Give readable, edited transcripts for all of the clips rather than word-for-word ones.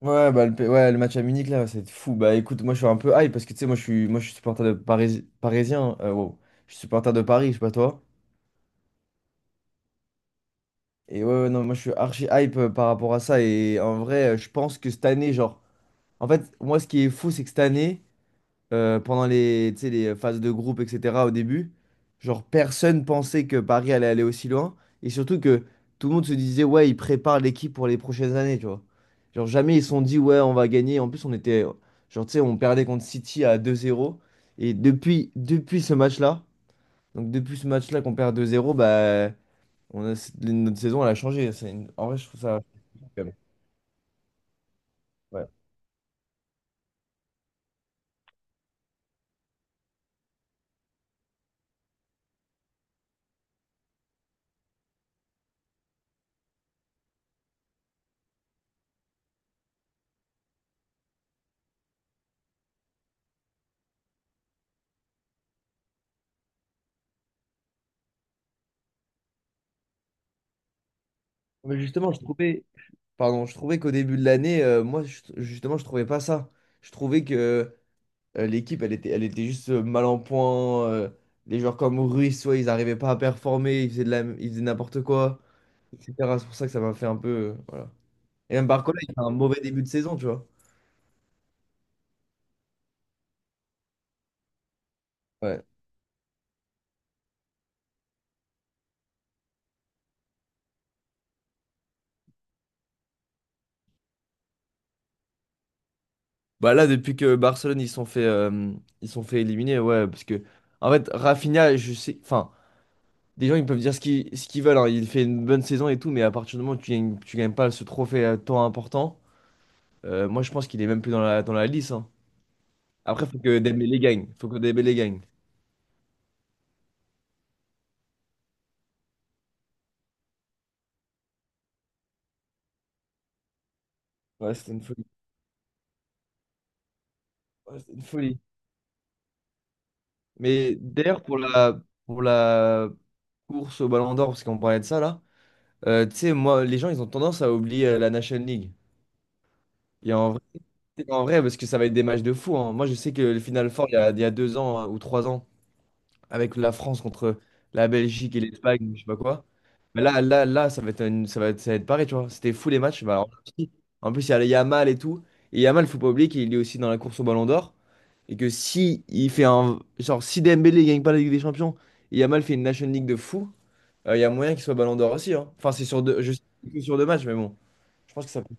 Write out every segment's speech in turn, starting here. Ouais, bah, ouais, le match à Munich, là, c'est fou. Bah écoute, moi je suis un peu hype parce que tu sais, moi, je suis supporter de Paris, parisien, hein. Wow. Je suis supporter de Paris, je sais pas toi. Et ouais, ouais, non, moi je suis archi hype, par rapport à ça. Et en vrai, je pense que cette année, genre, en fait, moi ce qui est fou, c'est que cette année, pendant, tu sais, les phases de groupe, etc., au début. Genre, personne pensait que Paris allait aller aussi loin. Et surtout que tout le monde se disait, ouais, ils préparent l'équipe pour les prochaines années, tu vois. Genre, jamais ils se sont dit, ouais, on va gagner. En plus, on était, genre, tu sais, on perdait contre City à 2-0. Depuis ce match-là, qu'on perd 2-0, bah notre saison, elle a changé. En vrai, je trouve ça. Ouais. Mais justement, je trouvais. Pardon, je trouvais qu'au début de l'année, moi, justement, je trouvais pas ça. Je trouvais que l'équipe, elle était, juste mal en point. Les joueurs comme Ruiz, soit ils n'arrivaient pas à performer, ils faisaient n'importe quoi, etc. C'est pour ça que ça m'a fait un peu, voilà. Et même Barcola, il fait un mauvais début de saison, tu vois. Ouais. Bah là, depuis que Barcelone, ils sont fait éliminer, ouais, parce que, en fait, Rafinha, je sais, enfin, des gens, ils peuvent dire ce qu'ils veulent, hein, il fait une bonne saison et tout, mais à partir du moment où tu gagnes pas ce trophée à temps important. Moi, je pense qu'il est même plus dans la lice, hein. Après, faut que Dembélé gagne. Faut que Dembélé gagne. Ouais, c'était une folie. Ouais, c'était une folie. Mais d'ailleurs, pour la course au Ballon d'Or, parce qu'on parlait de ça là, tu sais, moi, les gens, ils ont tendance à oublier la National League. Et en vrai, parce que ça va être des matchs de fou, hein. Moi, je sais que le Final Four, il y a 2 ans ou 3 ans, avec la France contre la Belgique et l'Espagne, je sais pas quoi. Mais là, là, là, ça va être pareil, tu vois. C'était fou, les matchs. Bah, alors, en plus, il y a Yamal et tout. Et Yamal, faut pas oublier qu'il est aussi dans la course au Ballon d'Or. Et que si il fait un. Genre, si Dembélé gagne pas la Ligue des Champions et Yamal fait une National League de fou, il y a moyen qu'il soit Ballon d'Or aussi, hein. Enfin, c'est sur deux, je sais que c'est sur 2 matchs, mais bon. Je pense que ça peut.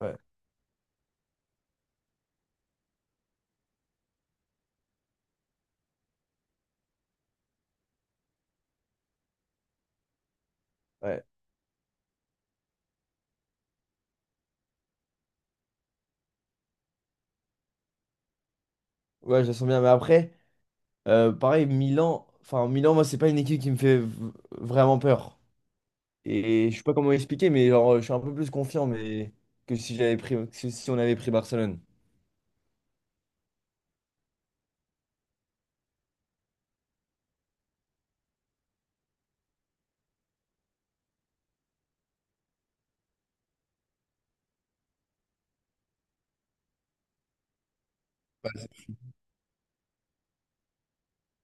Ouais, ouais. Ouais, je le sens bien. Mais après, pareil, Milan. Enfin, Milan, moi, c'est pas une équipe qui me fait vraiment peur. Et je sais pas comment expliquer, mais genre, je suis un peu plus confiant, mais... que si on avait pris Barcelone.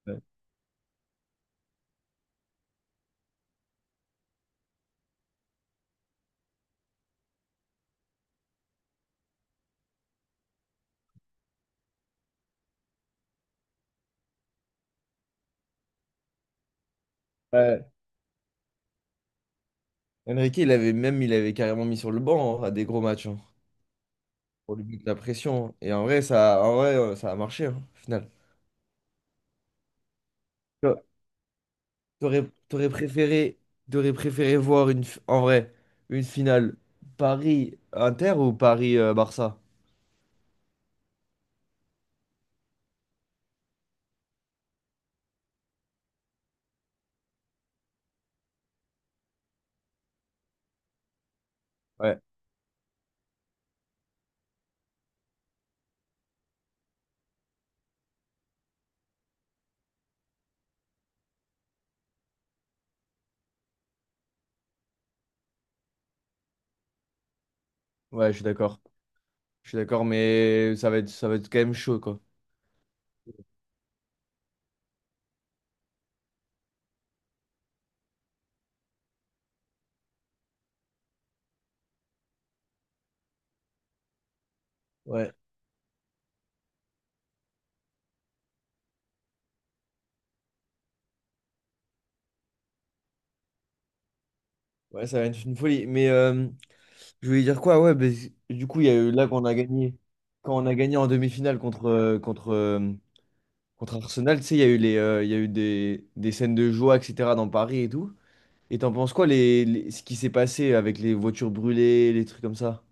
Ouais. Ouais. Enrique, il avait carrément mis sur le banc, hein, à des gros matchs, hein, pour lui mettre la pression, hein. Et en vrai, ça a marché, hein, au final. Toi, T'aurais, t'aurais préféré, t'aurais préféré voir en vrai, une finale Paris-Inter ou Paris-Barça? Ouais, ouais, je suis d'accord. Je suis d'accord, mais ça va être quand même chaud, quoi. Ouais, ouais, ça va être une folie. Je voulais dire quoi? Ouais, ben, du coup, il y a eu là qu'on a gagné. Quand on a gagné en demi-finale contre Arsenal, tu sais, il y a eu des scènes de joie, etc., dans Paris et tout. Et t'en penses quoi, ce qui s'est passé avec les voitures brûlées, les trucs comme ça?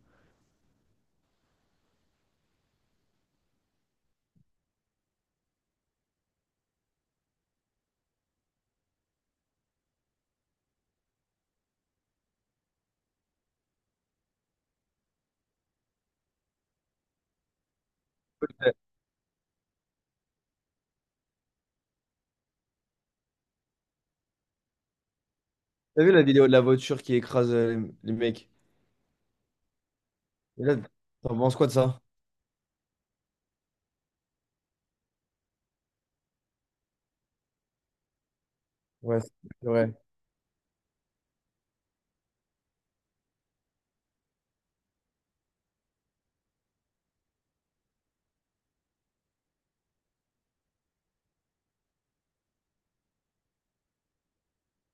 T'as vu la vidéo de la voiture qui écrase les mecs? Et là, t'en penses quoi de ça? Ouais, c'est vrai.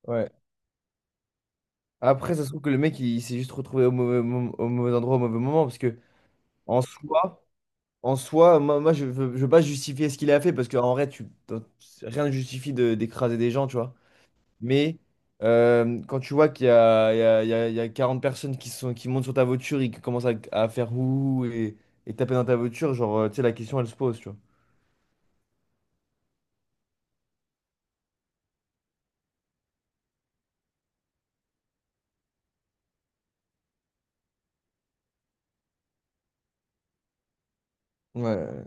Ouais. Après, ça se trouve que le mec, il s'est juste retrouvé au mauvais endroit, au mauvais moment, parce que en soi. En soi, moi, je veux pas justifier ce qu'il a fait parce qu'en vrai, rien ne justifie d'écraser des gens, tu vois. Mais quand tu vois qu'il y a, il y a, il y a- il y a 40 personnes qui montent sur ta voiture et qui commencent à faire ouh et taper dans ta voiture, genre, tu sais, la question, elle se pose, tu vois. Ouais. Ouais.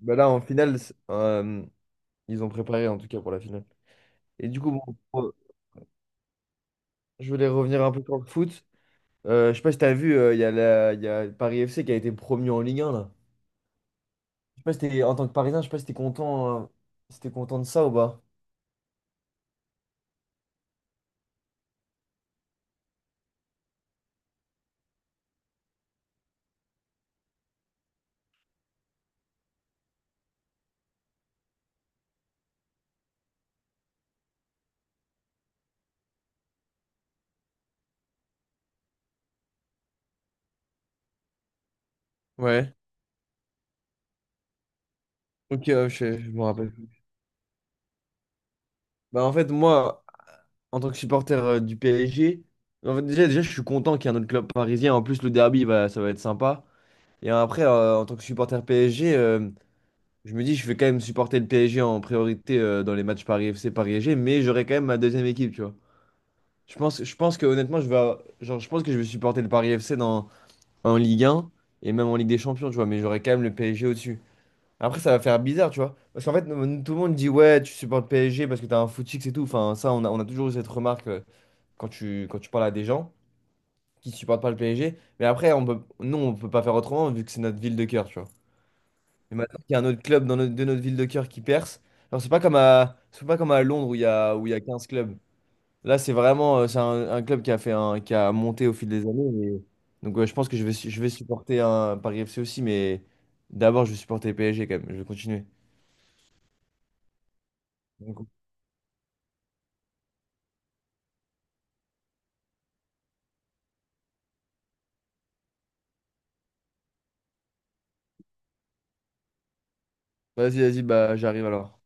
Bah là, en finale, ils ont préparé en tout cas pour la finale. Et du coup, bon, pour- je voulais revenir un peu sur le foot. Je sais pas si t'as vu, il y a Paris FC qui a été promu en Ligue 1, là. Sais pas si t'es- En tant que Parisien, je sais pas si t'es content, si t'es content de ça ou pas. Ouais, ok, ouais, je me rappelle. Bah, en fait, moi, en tant que supporter du PSG, en fait, déjà, je suis content qu'il y ait un autre club parisien. En plus, le derby, bah, ça va être sympa. Et après, en tant que supporter PSG, je me dis, je vais quand même supporter le PSG en priorité dans les matchs Paris FC, Paris SG, mais j'aurai quand même ma deuxième équipe, tu vois. Je pense que, honnêtement, genre, je pense que je vais supporter le Paris FC en Ligue 1 et même en Ligue des Champions, tu vois, mais j'aurai quand même le PSG au-dessus. Après, ça va faire bizarre, tu vois. Parce qu'en fait, tout le monde dit, ouais, tu supportes PSG parce que t'as un footix et tout. Enfin, ça, on a toujours eu cette remarque quand quand tu parles à des gens qui supportent pas le PSG. Mais après, on peut, nous, on peut pas faire autrement vu que c'est notre ville de cœur, tu vois. Et maintenant qu'il y a un autre club dans de notre ville de cœur qui perce, alors c'est pas comme à Londres où où il y a 15 clubs. Là, c'est vraiment, c'est un club qui a fait un, qui a monté au fil des années. Donc, ouais, je pense que je vais supporter un Paris FC aussi, mais d'abord, je vais supporter PSG quand même. Je vais continuer. Vas-y, vas-y, bah j'arrive alors.